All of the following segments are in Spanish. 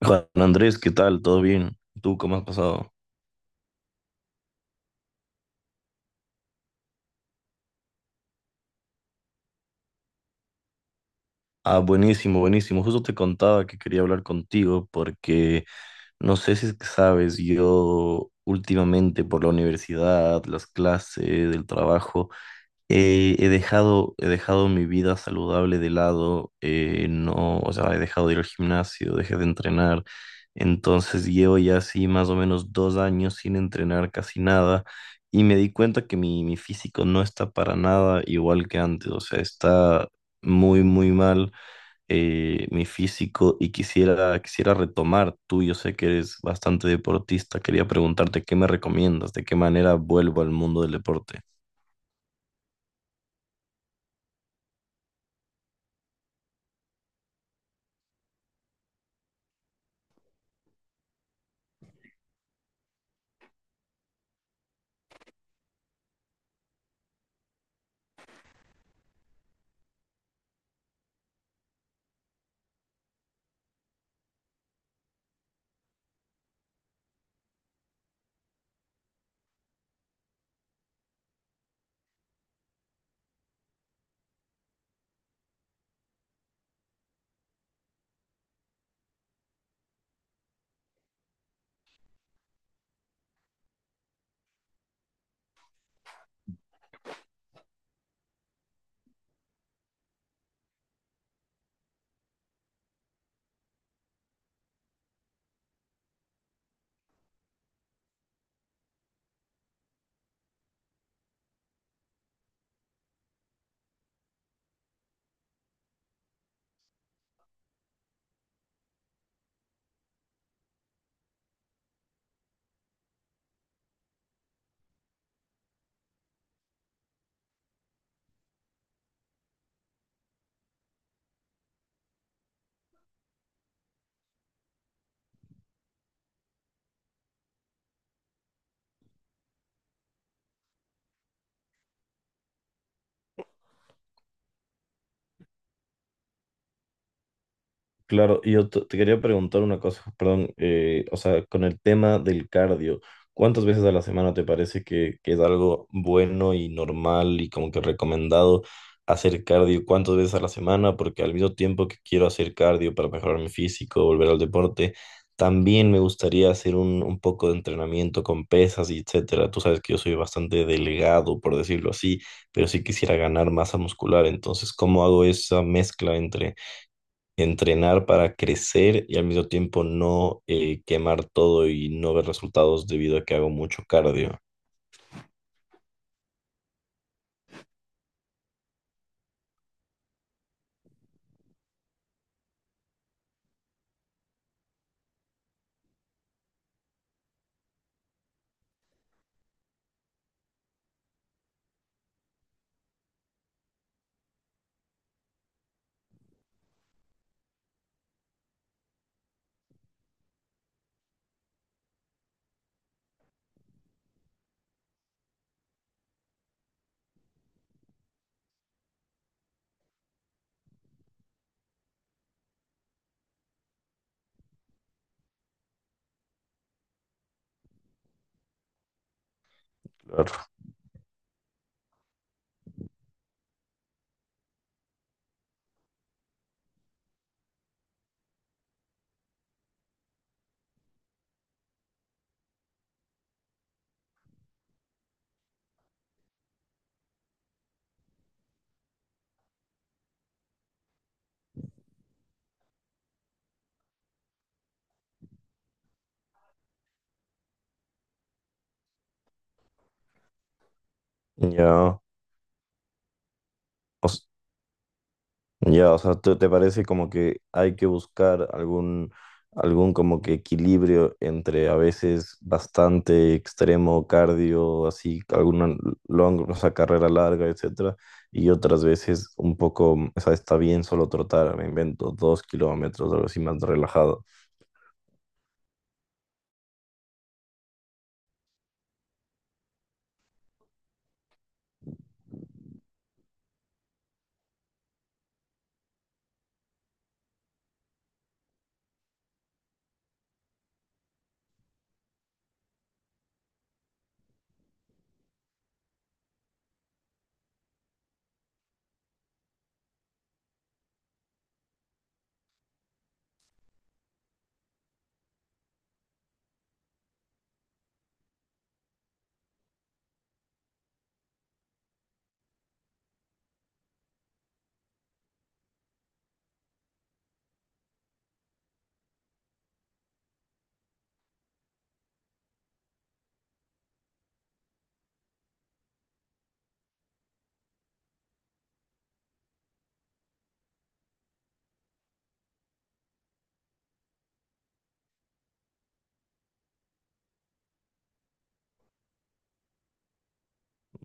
Juan Andrés, ¿qué tal? ¿Todo bien? ¿Tú cómo has pasado? Ah, buenísimo, buenísimo. Justo te contaba que quería hablar contigo porque no sé si es que sabes, yo últimamente por la universidad, las clases, el trabajo. He dejado mi vida saludable de lado, no, o sea, he dejado de ir al gimnasio, dejé de entrenar, entonces llevo ya así más o menos 2 años sin entrenar casi nada. Y me di cuenta que mi físico no está para nada igual que antes, o sea, está muy, muy mal, mi físico. Y quisiera retomar. Tú, yo sé que eres bastante deportista, quería preguntarte qué me recomiendas, de qué manera vuelvo al mundo del deporte. Claro, y yo te quería preguntar una cosa, perdón, o sea, con el tema del cardio, ¿cuántas veces a la semana te parece que es algo bueno y normal y como que recomendado hacer cardio? ¿Cuántas veces a la semana? Porque al mismo tiempo que quiero hacer cardio para mejorar mi físico, volver al deporte, también me gustaría hacer un poco de entrenamiento con pesas y etcétera. Tú sabes que yo soy bastante delgado, por decirlo así, pero sí quisiera ganar masa muscular. Entonces, ¿cómo hago esa mezcla entre entrenar para crecer y al mismo tiempo no quemar todo y no ver resultados debido a que hago mucho cardio? Claro. Ya, o s- ya, o sea, ¿te, ¿te parece como que hay que buscar algún como que equilibrio entre a veces bastante extremo cardio, así, o sea, carrera larga, etcétera, y otras veces un poco, o sea, está bien solo trotar, me invento, 2 kilómetros, algo así más relajado?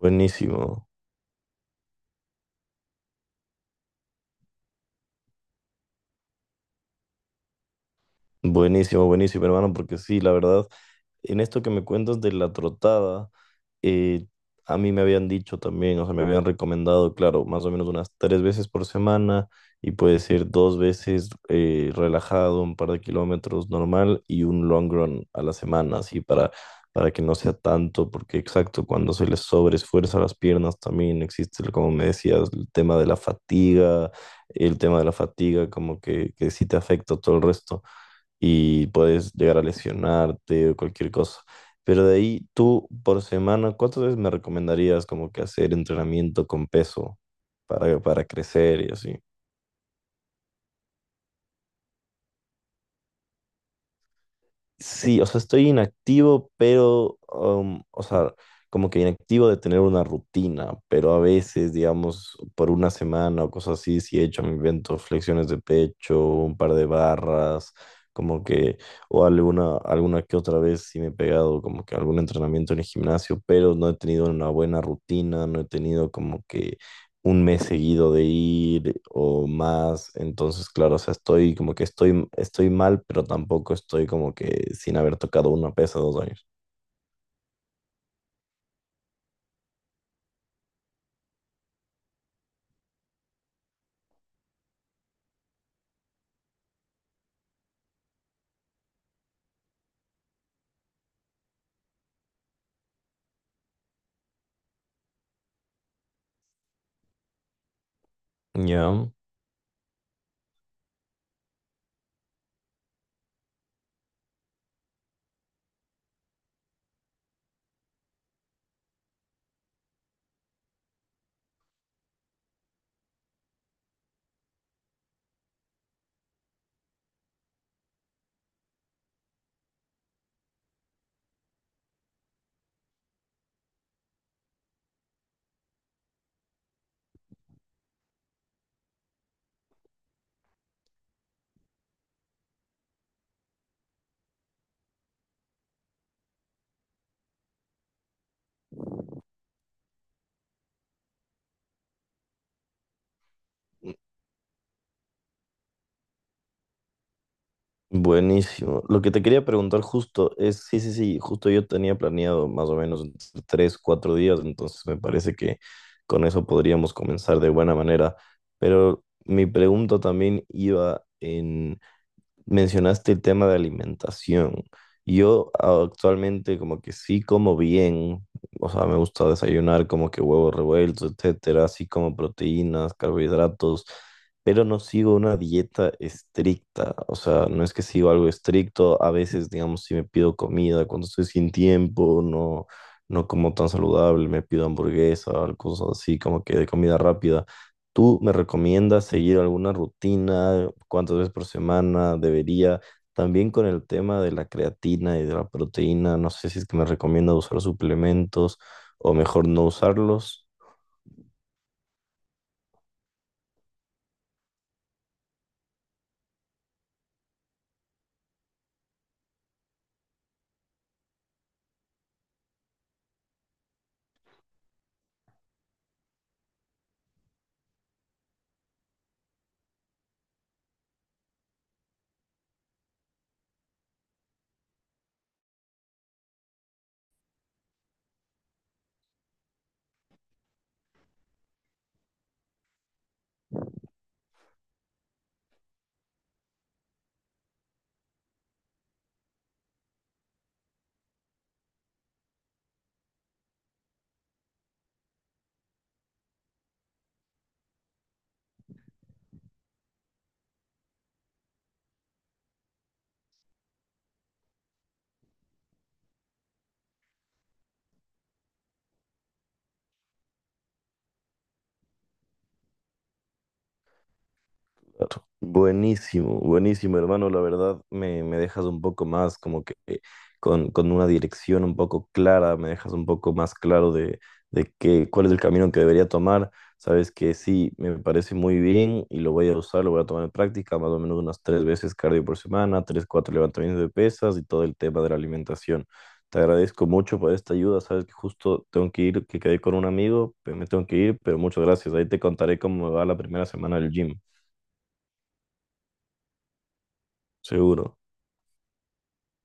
Buenísimo. Buenísimo, buenísimo, hermano, porque sí, la verdad, en esto que me cuentas de la trotada, eh, a mí me habían dicho también, o sea, me habían recomendado, claro, más o menos unas 3 veces por semana, y puedes ir 2 veces relajado, un par de kilómetros normal y un long run a la semana, así para que no sea tanto, porque exacto, cuando se les sobreesfuerza las piernas también existe, como me decías, el tema de la fatiga, el tema de la fatiga, como que sí te afecta todo el resto y puedes llegar a lesionarte o cualquier cosa. Pero de ahí, tú por semana, ¿cuántas veces me recomendarías como que hacer entrenamiento con peso para crecer y así? Sí, o sea, estoy inactivo, pero, o sea, como que inactivo de tener una rutina, pero a veces, digamos, por una semana o cosas así, sí he hecho, me invento, flexiones de pecho, un par de barras, como que, o alguna que otra vez sí me he pegado como que algún entrenamiento en el gimnasio, pero no he tenido una buena rutina, no he tenido como que un mes seguido de ir o más. Entonces claro, o sea, estoy como que estoy mal, pero tampoco estoy como que sin haber tocado una pesa 2 años. Ya, buenísimo. Lo que te quería preguntar justo es, sí, sí, sí, justo yo tenía planeado más o menos entre 3, 4 días, entonces me parece que con eso podríamos comenzar de buena manera, pero mi pregunta también iba en... Mencionaste el tema de alimentación. Yo actualmente como que sí como bien, o sea, me gusta desayunar como que huevos revueltos, etcétera, así como proteínas, carbohidratos, pero no sigo una dieta estricta, o sea, no es que sigo algo estricto, a veces, digamos, si me pido comida cuando estoy sin tiempo, no, no como tan saludable, me pido hamburguesa, cosas así como que de comida rápida. ¿Tú me recomiendas seguir alguna rutina? ¿Cuántas veces por semana debería? También con el tema de la creatina y de la proteína, no sé si es que me recomienda usar suplementos o mejor no usarlos. Claro. Buenísimo, buenísimo, hermano. La verdad me dejas un poco más como que con una dirección un poco clara, me dejas un poco más claro de cuál es el camino que debería tomar. Sabes que sí, me parece muy bien y lo voy a usar, lo voy a tomar en práctica, más o menos unas 3 veces cardio por semana, 3, 4 levantamientos de pesas y todo el tema de la alimentación. Te agradezco mucho por esta ayuda. Sabes que justo tengo que ir, que quedé con un amigo, pero me tengo que ir, pero muchas gracias. Ahí te contaré cómo me va la primera semana del gym. Seguro.